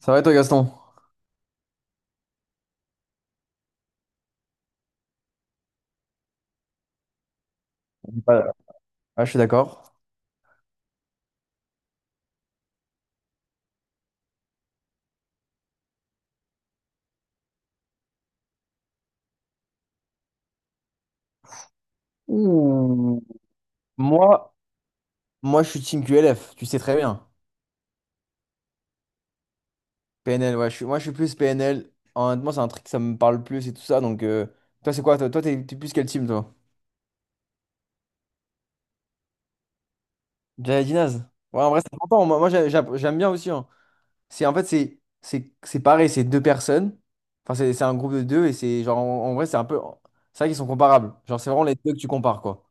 Ça va et toi, Gaston? Ouais, ouais, je suis d'accord. Ouh. Moi, moi, je suis team QLF, tu sais très bien. PNL, ouais, je suis plus PNL. Honnêtement, c'est un truc que ça me parle plus et tout ça. Donc, toi, c'est quoi? Toi, t'es plus quel team, toi? Dinaz. Ouais, en vrai, c'est important. Moi, j'aime bien aussi, hein. C'est, en fait, c'est pareil, c'est deux personnes. Enfin, c'est un groupe de deux et c'est genre, en vrai, c'est un peu. C'est vrai qu'ils sont comparables. Genre, c'est vraiment les deux que tu compares, quoi.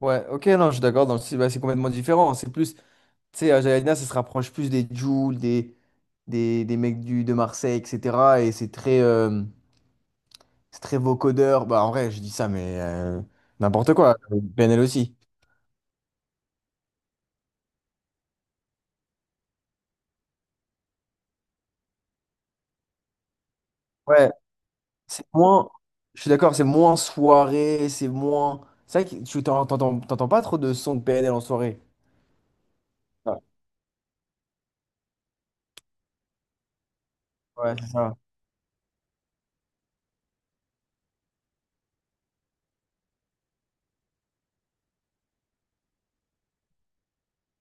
Ouais, ok, non, je suis d'accord. Dans le style, bah, c'est complètement différent. C'est plus. Tu sais, à Jalina, ça se rapproche plus des Jul, des mecs de Marseille, etc. Et c'est très vocodeur. Bah, en vrai, je dis ça, mais n'importe quoi. PNL aussi. Ouais, c'est moins. Je suis d'accord, c'est moins soirée, c'est moins. C'est vrai que tu t'entends pas trop de sons de PNL en soirée. Ouais, ouais, c'est ça.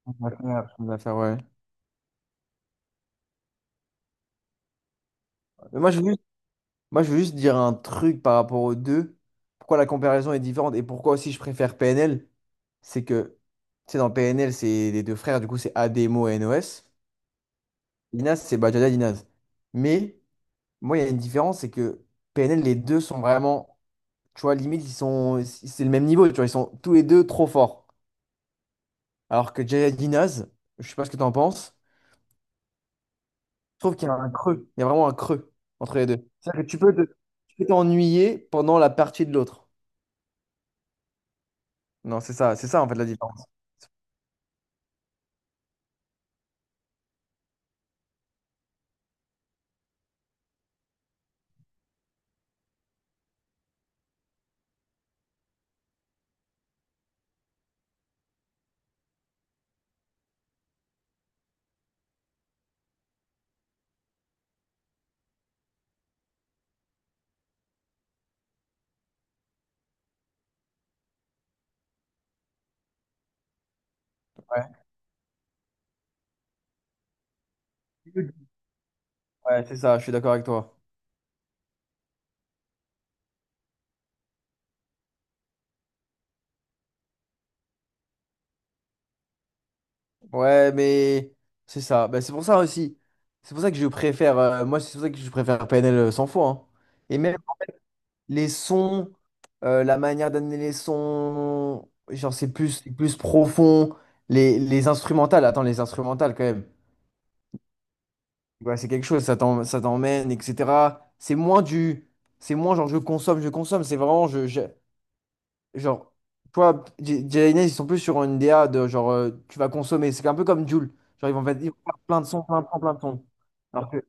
Chose à faire, ouais. Mais moi, j'ai vu, Moi, je veux juste dire un truc par rapport aux deux. Pourquoi la comparaison est différente et pourquoi aussi je préfère PNL, c'est que, tu sais, dans PNL, c'est les deux frères, du coup, c'est Ademo et NOS. Dinaz, c'est Bajada Dinaz. Mais moi, il y a une différence, c'est que PNL, les deux sont vraiment, tu vois, limite, ils sont, c'est le même niveau, tu vois, ils sont tous les deux trop forts. Alors que Jaya Dinaz, je sais pas ce que tu en penses, je trouve qu'il y a un creux, il y a vraiment un creux entre les deux. C'est-à-dire que tu peux t'ennuyer pendant la partie de l'autre. Non, c'est ça en fait la différence. Ouais, ouais, c'est ça, je suis d'accord avec toi. Ouais, mais c'est ça. Bah, c'est pour ça aussi. C'est pour ça que je préfère, moi, c'est pour ça que je préfère PNL 100 fois, hein. Et même les sons, la manière d'amener les sons, genre c'est plus profond. Les instrumentales, attends, les instrumentales quand même. Ouais, c'est quelque chose, ça t'emmène, etc. C'est moins du. C'est moins genre je consomme, je consomme. C'est vraiment. Genre, toi, Jay ils sont plus sur une DA de genre, tu vas consommer. C'est un peu comme Jul. Genre, ils vont faire plein de sons, plein, plein, plein de sons. Alors que,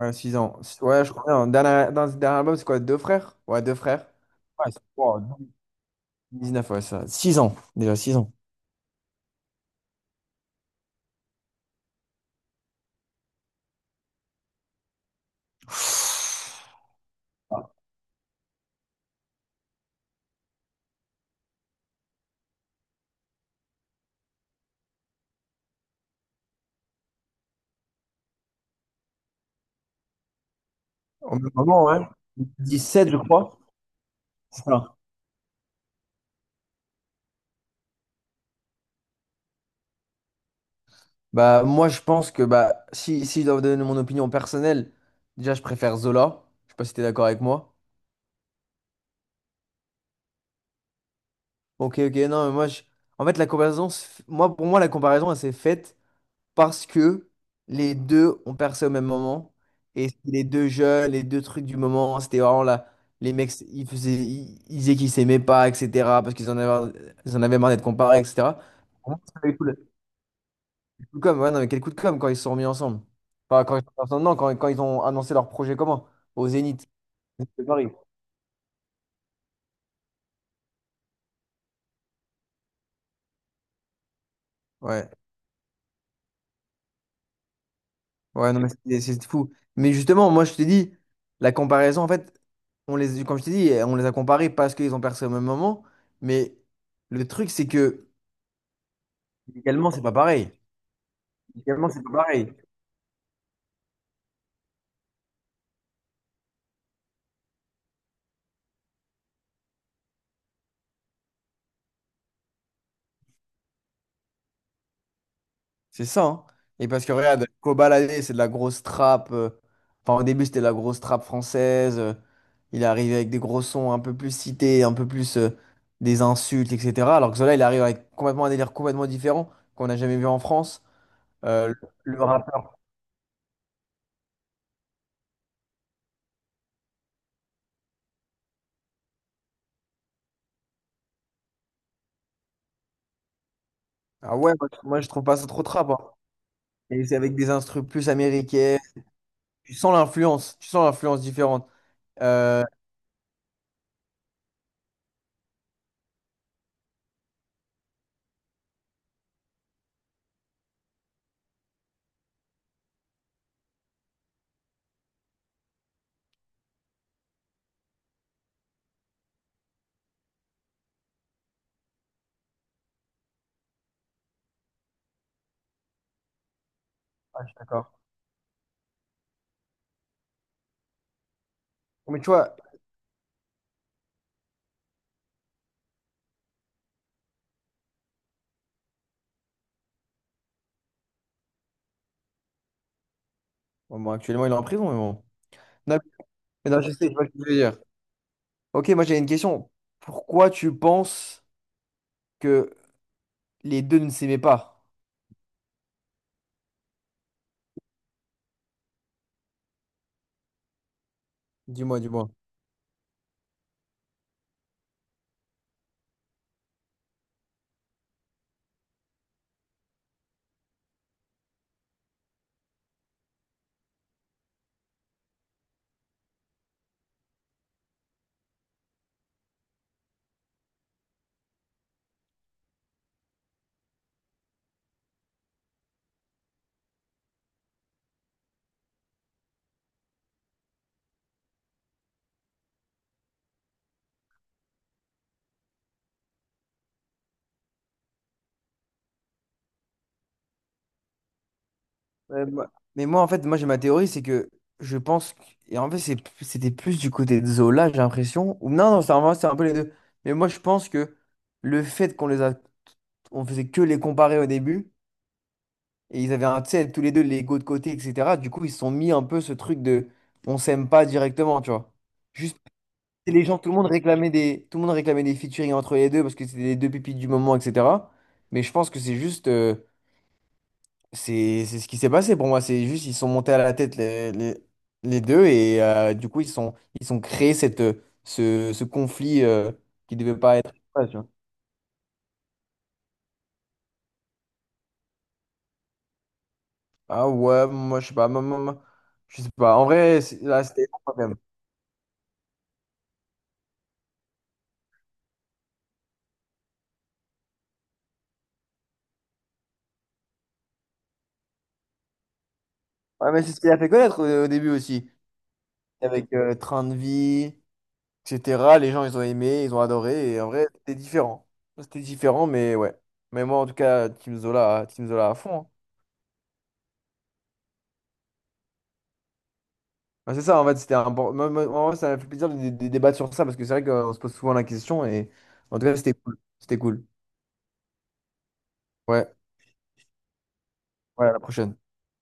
ouais, 6 ans. Ouais, je crois bien. Dans ce dernier album, c'est quoi? Deux frères? Ouais, deux frères. Ouais, wow, 19, ouais, ça. 6 ans. Déjà, 6 ans. Au même moment, ouais. 17 je crois. C'est ça. Bah, moi, je pense que bah, si je dois vous donner mon opinion personnelle, déjà, je préfère Zola. Je sais pas si t'es d'accord avec moi. Ok, ok, non, mais moi, je... En fait, la comparaison, moi, pour moi, la comparaison, elle s'est faite parce que les deux ont percé au même moment. Et c'était les deux jeunes, les deux trucs du moment, c'était vraiment là. Les mecs, ils disaient qu'ils s'aimaient pas, etc. Parce qu'ils en avaient marre d'être comparés, etc. Pour moi, c'est pas du tout le coup de com'. Ouais, non, mais quel coup de com' quand ils se sont remis ensemble. Enfin, quand ils sont ensemble, non, quand ils ont annoncé leur projet commun au Zénith de Paris. Ouais. Ouais, non, mais c'est fou. Mais justement, moi, je te dis, la comparaison, en fait, comme je t'ai dit, on les a comparés parce qu'ils ont percé au même moment. Mais le truc, c'est que également, c'est pas pareil. Également, c'est pas pareil. C'est ça, hein. Et parce que regarde, Kobalade, c'est de la grosse trappe. Enfin, au début, c'était de la grosse trappe française. Il est arrivé avec des gros sons un peu plus cités, un peu plus des insultes, etc. Alors que Zola, il arrive avec complètement un délire complètement différent qu'on n'a jamais vu en France. Euh, le rappeur. Ah, ouais, moi, je trouve pas ça trop trap, hein. Et c'est avec des instrus plus américaines. Tu sens l'influence. Tu sens l'influence différente. Euh, ah, je suis d'accord. Mais tu vois, bon, bon, actuellement, il est en prison, mais bon. Non, mais non, je sais, je vois ce que tu veux dire. Ok, moi, j'ai une question. Pourquoi tu penses que les deux ne s'aimaient pas? Dis-moi, dis-moi. Ouais, mais moi, en fait, moi, j'ai ma théorie, c'est que je pense. Et en fait, c'était plus du côté de Zola, j'ai l'impression. Ou non, non, c'est un peu les deux. Mais moi, je pense que le fait qu'on les a. On faisait que les comparer au début. Et ils avaient un, tu sais, tous les deux l'ego de côté, etc. Du coup, ils se sont mis un peu ce truc de. On s'aime pas directement, tu vois. Juste, les gens, tout le monde réclamait des featuring entre les deux parce que c'était les deux pipis du moment, etc. Mais je pense que c'est juste. C'est ce qui s'est passé pour moi. C'est juste ils sont montés à la tête les deux et du coup ils sont créés cette ce conflit qui devait pas être. Ouais, tu vois. Ah ouais, moi je sais pas, moi, je sais pas. En vrai, là c'était quand même. Ouais, mais c'est ce qu'il a fait connaître au début aussi, avec Train de vie, etc. Les gens ils ont aimé, ils ont adoré et en vrai c'était différent. C'était différent, mais ouais. Mais moi en tout cas Team Zola, Team Zola à fond, hein. Ah, c'est ça, en fait, c'était un moi, ça m'a fait plaisir de, de débattre sur ça parce que c'est vrai qu'on se pose souvent la question et en tout cas, c'était cool. C'était cool. Ouais, ouais, à la prochaine.